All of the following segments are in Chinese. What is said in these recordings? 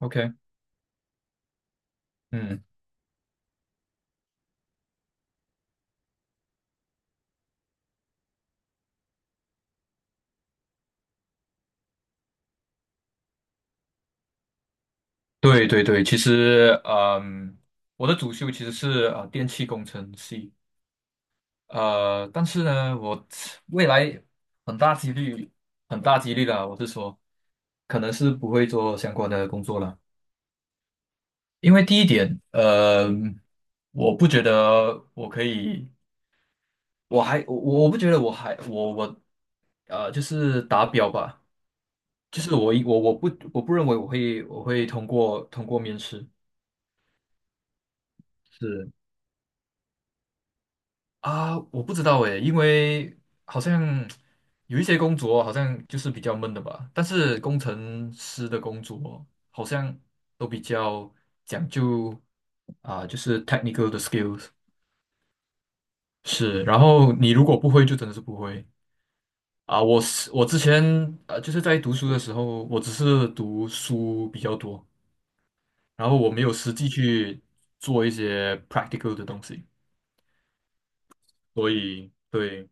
OK，嗯，对对对，其实，我的主修其实是电气工程系，但是呢，我未来很大几率，很大几率啦，我是说，可能是不会做相关的工作了，因为第一点，我不觉得我可以，我还我我不觉得我还我我呃就是达标吧，就是我一我我不我不认为我会通过面试。是。啊，我不知道诶，因为好像有一些工作好像就是比较闷的吧，但是工程师的工作好像都比较讲究啊，就是 technical 的 skills 是，然后你如果不会就真的是不会啊。我之前就是在读书的时候，我只是读书比较多，然后我没有实际去做一些 practical 的东西，所以对。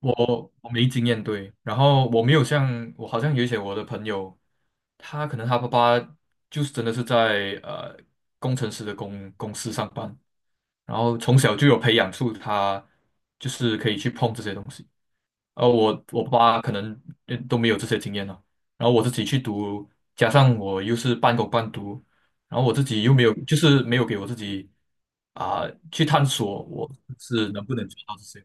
我没经验，对，然后我没有像我好像有一些我的朋友，他可能他爸爸就是真的是在工程师的公司上班，然后从小就有培养出他就是可以去碰这些东西，而我爸爸可能都没有这些经验了，然后我自己去读，加上我又是半工半读，然后我自己又没有就是没有给我自己啊、去探索我是能不能做到这些。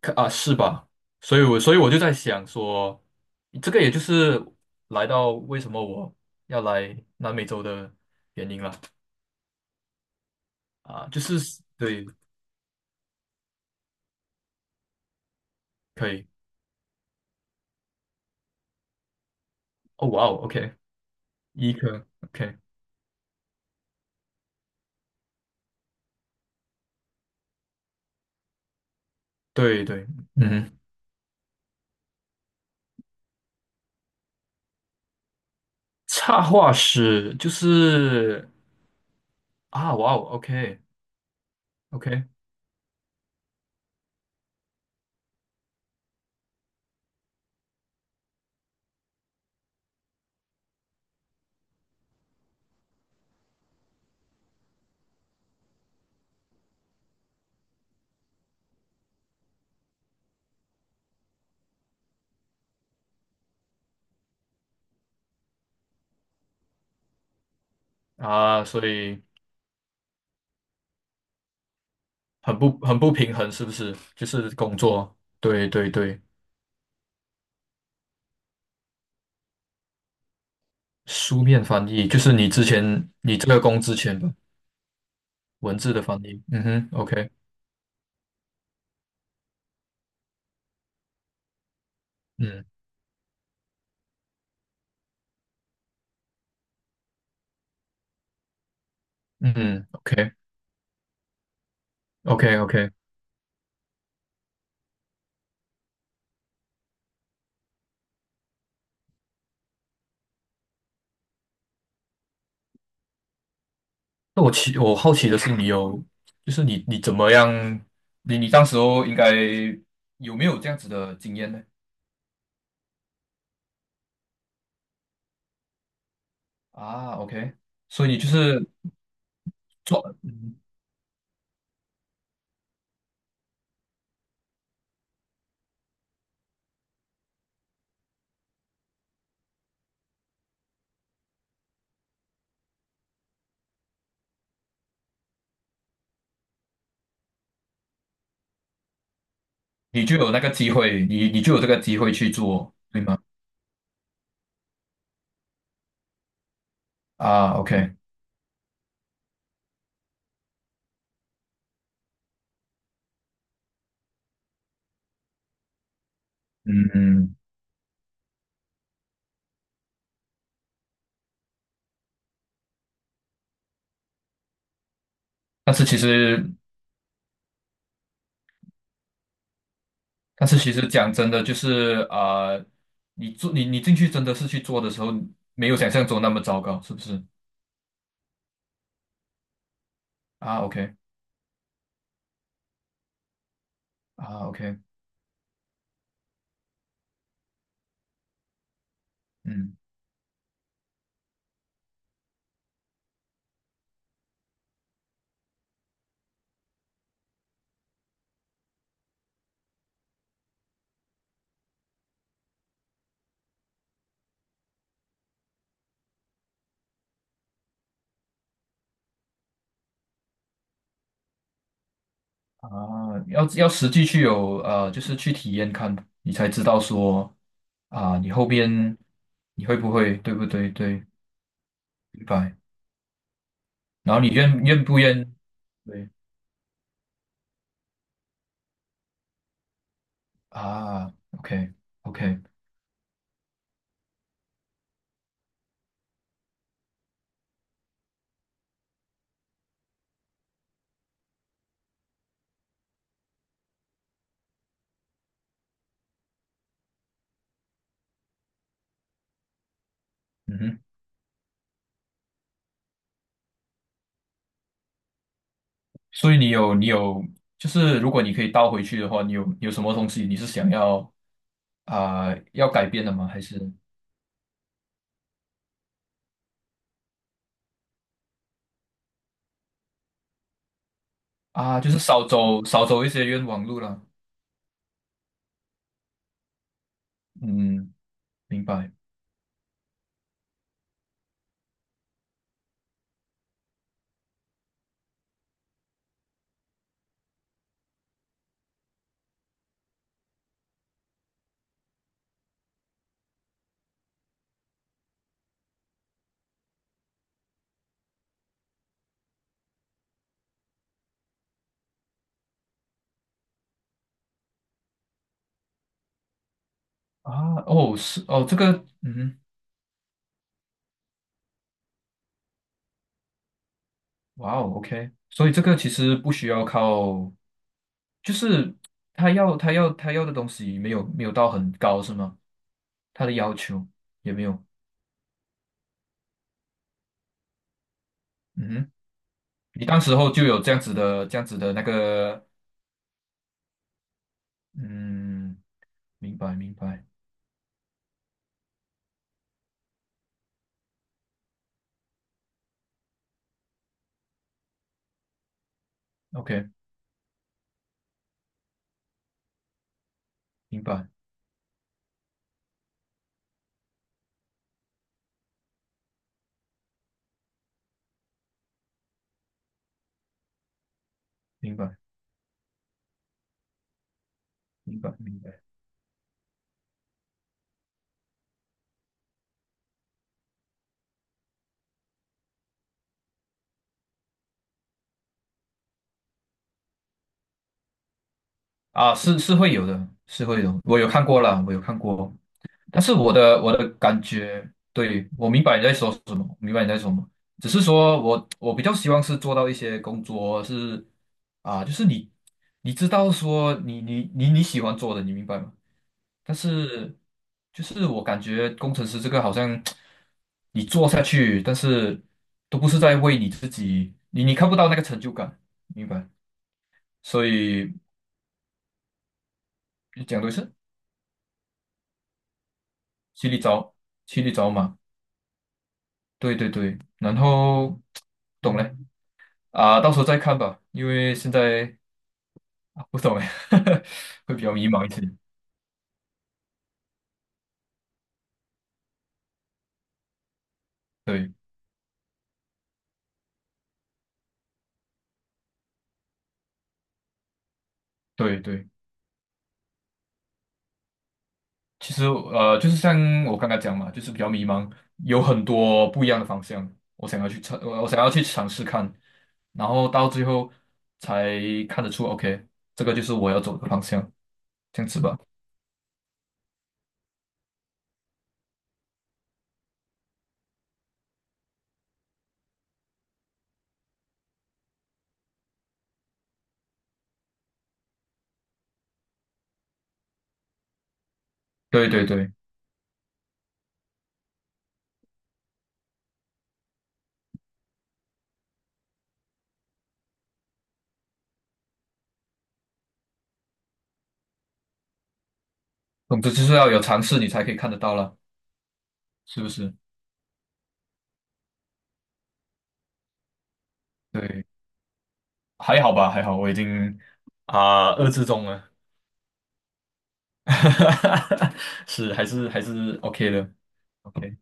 可啊，是吧？所以我就在想说，这个也就是来到为什么我要来南美洲的原因了啊，就是对，可以，哦，哇哦，OK，医科，OK，对对，嗯哼，插画师就是啊，哇哦，OK OK 啊，所以很不平衡，是不是？就是工作，对对对，书面翻译，就是你之前你这个工之前吧。文字的翻译。嗯哼，OK，嗯嗯，OK，OK，OK。那我好奇的是，你有你怎么样？你当时候应该有没有这样子的经验呢？啊，OK，所以你就是做，嗯你就有那个机会，你就有这个机会去做，对吗？啊，OK，嗯嗯。但是其实，但是其实讲真的，就是你进去真的是去做的时候，没有想象中那么糟糕，是不是？啊，OK。啊，OK，嗯，啊，要实际就是去体验看，你才知道说啊，你后边你会不会，对不对？对，明白。然后你愿不愿，对啊，OK OK，嗯哼。所以你有你有，就是如果你可以倒回去的话，你有什么东西你是想要要改变的吗？还是啊，就是少走一些冤枉路了？嗯，明白。啊，哦，是哦，这个，嗯哼。哇哦，OK，所以这个其实不需要靠，就是他要的东西没有到很高是吗？他的要求也没有，嗯哼，你当时候就有这样子的那个，嗯，明白明白，OK，明白明白明白明白啊，是是会有的，是会有，我有看过了，我有看过，但是我的感觉，对，我明白你在说什么，明白你在说什么，只是说我比较希望是做到一些工作是啊，就是你知道说你喜欢做的，你明白吗？但是就是我感觉工程师这个好像你做下去，但是都不是在为你自己，你看不到那个成就感，明白？所以讲对是骑里找骑里找马，对对对，然后懂了。啊，到时候再看吧，因为现在啊不懂哎，会比较迷茫一些。对对对，其实就是像我刚刚讲嘛，就是比较迷茫，有很多不一样的方向，我想要去尝试看，然后到最后才看得出，OK，这个就是我要走的方向，这样子吧。对对对，总之就是要有尝试，你才可以看得到了，是不是？对，还好吧，还好，我已经二遏制中了。哈哈哈，是还是 OK 的，OK，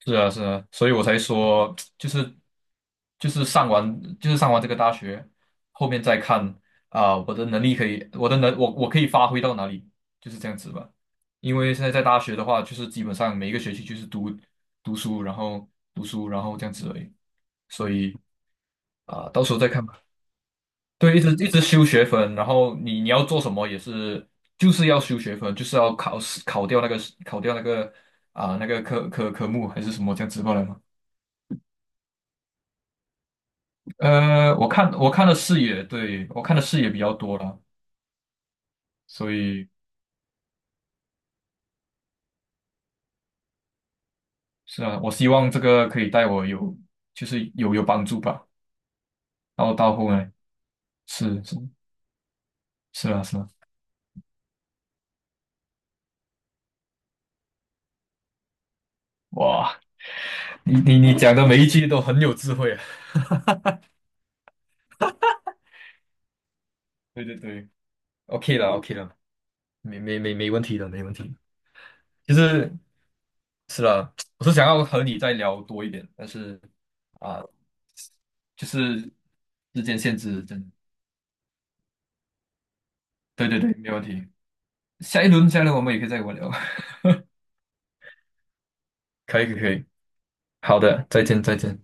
是啊是啊，所以我才说 就是上完这个大学，后面再看我的能力可以，我的能我可以发挥到哪里，就是这样子吧。因为现在在大学的话，就是基本上每一个学期就是读书，然后读书，然后这样子而已，所以到时候再看吧。对，一直一直修学分，然后你要做什么也是，就是要修学分，就是要考试考掉那个那个科目还是什么这样子过来吗？我看的视野，对，我看的视野比较多了，所以是啊，我希望这个可以带我有就是有帮助吧。然后到后来是是是啊是啊，哇，你讲的每一句都很有智慧啊。对对对，OK 了 OK 了，没问题的，没问题的。就是是的我是想要和你再聊多一点，但是啊、就是时间限制，真的。对对对，没问题。下一轮我们也可以再玩聊。可以可以，可以好的，再见再见。